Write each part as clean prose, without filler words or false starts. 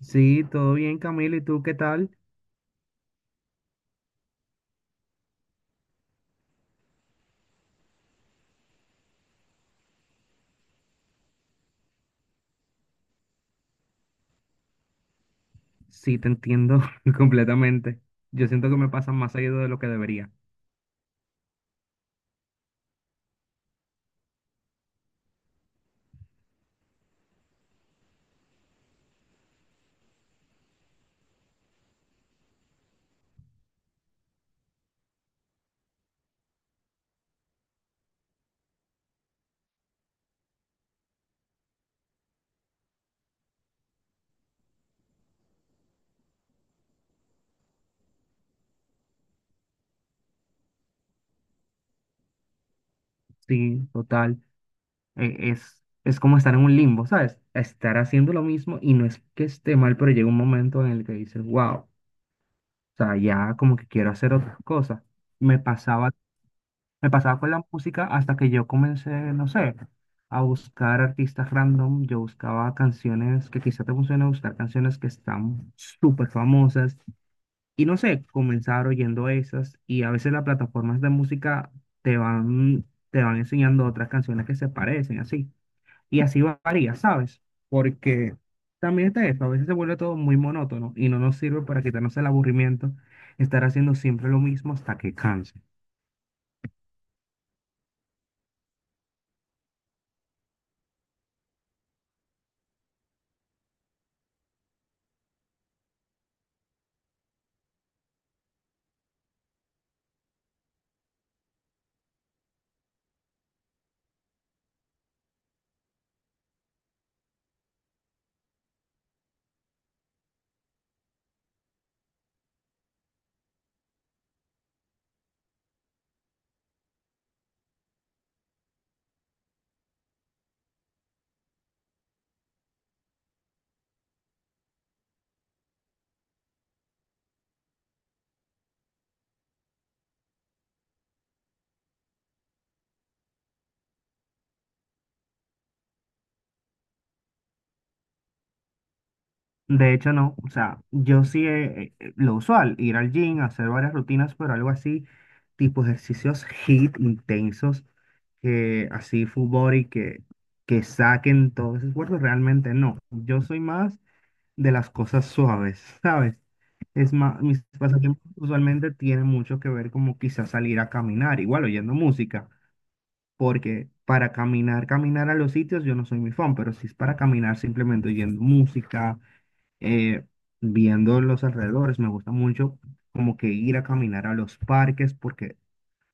Sí, todo bien, Camilo. ¿Y tú qué tal? Sí, te entiendo completamente. Yo siento que me pasan más seguido de lo que debería. Sí, total. Es como estar en un limbo, ¿sabes? Estar haciendo lo mismo y no es que esté mal, pero llega un momento en el que dices, wow, o sea, ya como que quiero hacer otras cosas. Me pasaba, me pasaba con la música hasta que yo comencé, no sé, a buscar artistas random. Yo buscaba canciones que quizá te funcionen, buscar canciones que están súper famosas. Y no sé, comenzar oyendo esas, y a veces las plataformas de música te van enseñando otras canciones que se parecen, así. Y así varía, ¿sabes? Porque también está eso, a veces se vuelve todo muy monótono y no nos sirve para quitarnos el aburrimiento estar haciendo siempre lo mismo hasta que canse. De hecho, no. O sea, yo sí, lo usual, ir al gym, hacer varias rutinas, pero algo así, tipo ejercicios HIIT intensos, que así full body, que saquen todos esos cuerpos, realmente no. Yo soy más de las cosas suaves, ¿sabes? Es más, mis pasatiempos usualmente tienen mucho que ver como quizás salir a caminar, igual oyendo música, porque para caminar a los sitios yo no soy muy fan, pero si es para caminar simplemente oyendo música, eh, viendo los alrededores. Me gusta mucho como que ir a caminar a los parques porque,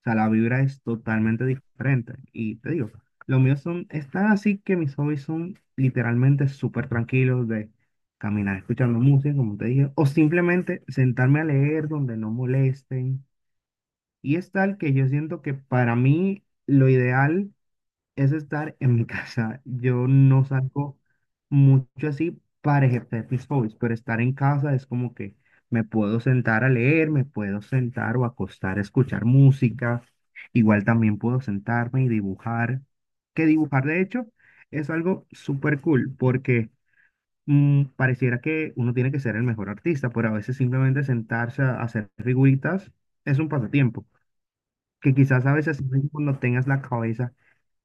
o sea, la vibra es totalmente diferente. Y te digo, los míos son, están así que mis hobbies son literalmente súper tranquilos, de caminar escuchando música, como te dije, o simplemente sentarme a leer donde no molesten. Y es tal que yo siento que para mí lo ideal es estar en mi casa. Yo no salgo mucho así para ejercer mis hobbies, pero estar en casa es como que me puedo sentar a leer, me puedo sentar o acostar a escuchar música. Igual también puedo sentarme y dibujar, que dibujar de hecho es algo súper cool porque mm, pareciera que uno tiene que ser el mejor artista, pero a veces simplemente sentarse a hacer figuritas es un pasatiempo, que quizás a veces cuando tengas la cabeza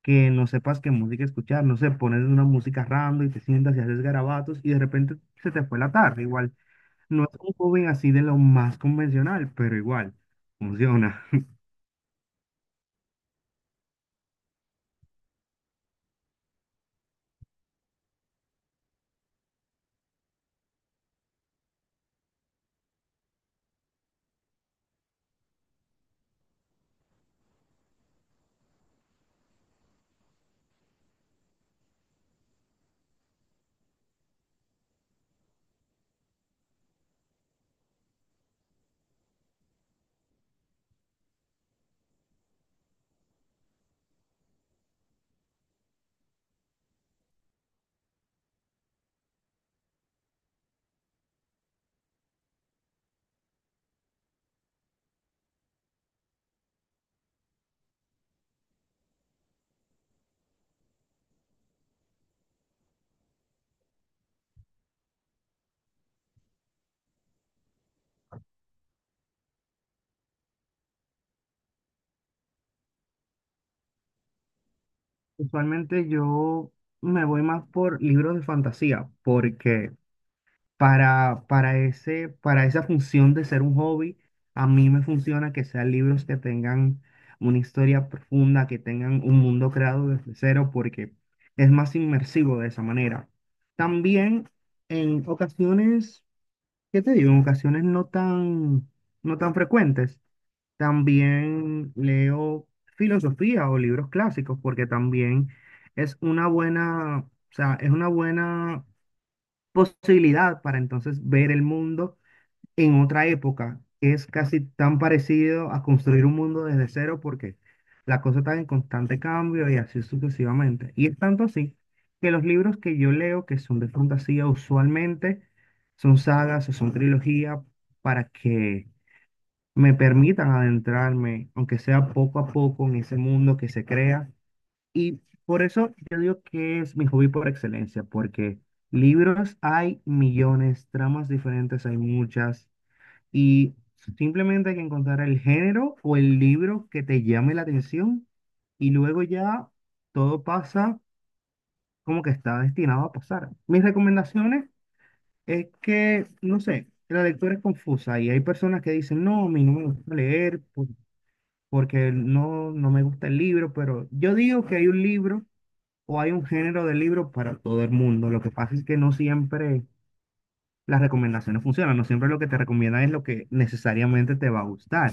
que no sepas qué música escuchar, no sé, pones una música random y te sientas y haces garabatos y de repente se te fue la tarde, igual, no es un joven así de lo más convencional, pero igual, funciona. Usualmente yo me voy más por libros de fantasía, porque para esa función de ser un hobby, a mí me funciona que sean libros que tengan una historia profunda, que tengan un mundo creado desde cero, porque es más inmersivo de esa manera. También en ocasiones, ¿qué te digo? En ocasiones no tan frecuentes, también leo filosofía o libros clásicos, porque también es una buena, o sea, es una buena posibilidad para entonces ver el mundo en otra época. Es casi tan parecido a construir un mundo desde cero porque la cosa está en constante cambio y así sucesivamente. Y es tanto así que los libros que yo leo, que son de fantasía, usualmente son sagas o son trilogías para que me permitan adentrarme, aunque sea poco a poco, en ese mundo que se crea, y por eso yo digo que es mi hobby por excelencia, porque libros hay millones, tramas diferentes hay muchas, y simplemente hay que encontrar el género o el libro que te llame la atención, y luego ya todo pasa como que está destinado a pasar. Mis recomendaciones es que, no sé, la lectura es confusa y hay personas que dicen, no, a mí no me gusta leer porque no, no me gusta el libro, pero yo digo que hay un libro o hay un género de libro para todo el mundo. Lo que pasa es que no siempre las recomendaciones funcionan, no siempre lo que te recomiendan es lo que necesariamente te va a gustar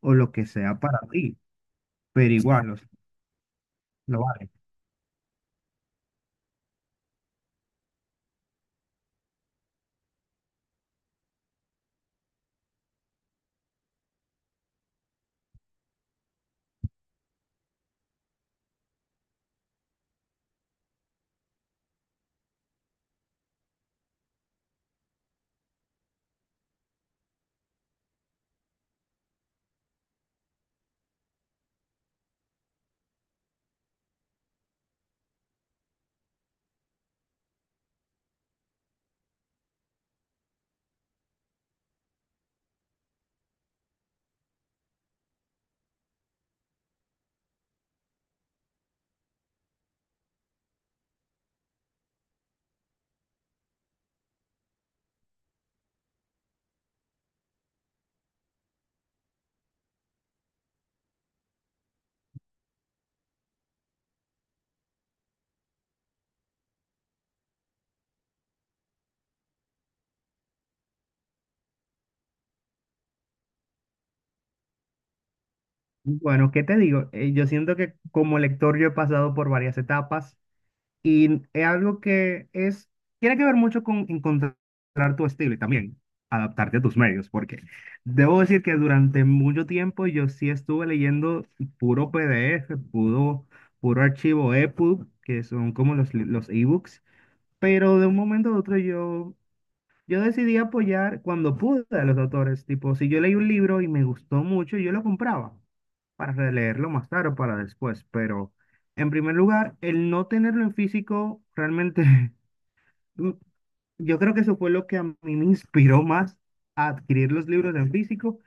o lo que sea para ti, pero igual, o sea, lo vale. Bueno, ¿qué te digo? Yo siento que como lector yo he pasado por varias etapas. Y es algo que tiene que ver mucho con encontrar tu estilo y también adaptarte a tus medios, porque debo decir que durante mucho tiempo yo sí estuve leyendo puro PDF, puro archivo EPUB, que son como los ebooks, pero de un momento a otro yo decidí apoyar cuando pude a los autores, tipo, si yo leí un libro y me gustó mucho, yo lo compraba para releerlo más tarde o para después, pero en primer lugar, el no tenerlo en físico realmente, mm, yo creo que eso fue lo que a mí me inspiró más a adquirir los libros en físico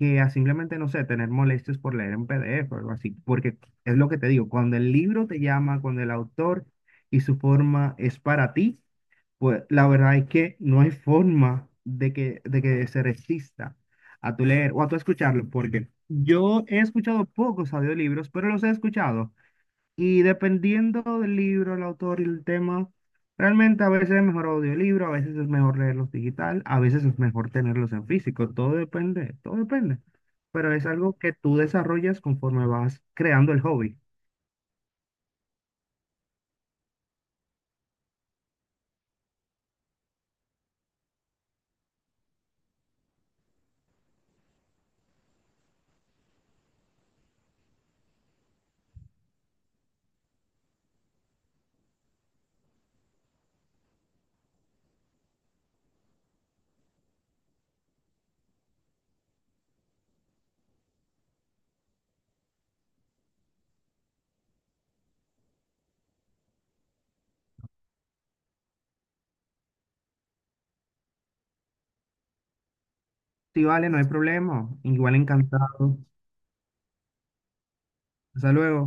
que a simplemente, no sé, tener molestias por leer en PDF o algo así, porque es lo que te digo, cuando el libro te llama, cuando el autor y su forma es para ti, pues la verdad es que no hay forma de de que se resista a tu leer o a tu escucharlo, porque yo he escuchado pocos audiolibros, pero los he escuchado. Y dependiendo del libro, el autor y el tema, realmente a veces es mejor audiolibro, a veces es mejor leerlos digital, a veces es mejor tenerlos en físico. Todo depende, todo depende. Pero es algo que tú desarrollas conforme vas creando el hobby. Si vale, no hay problema. Igual encantado. Hasta luego.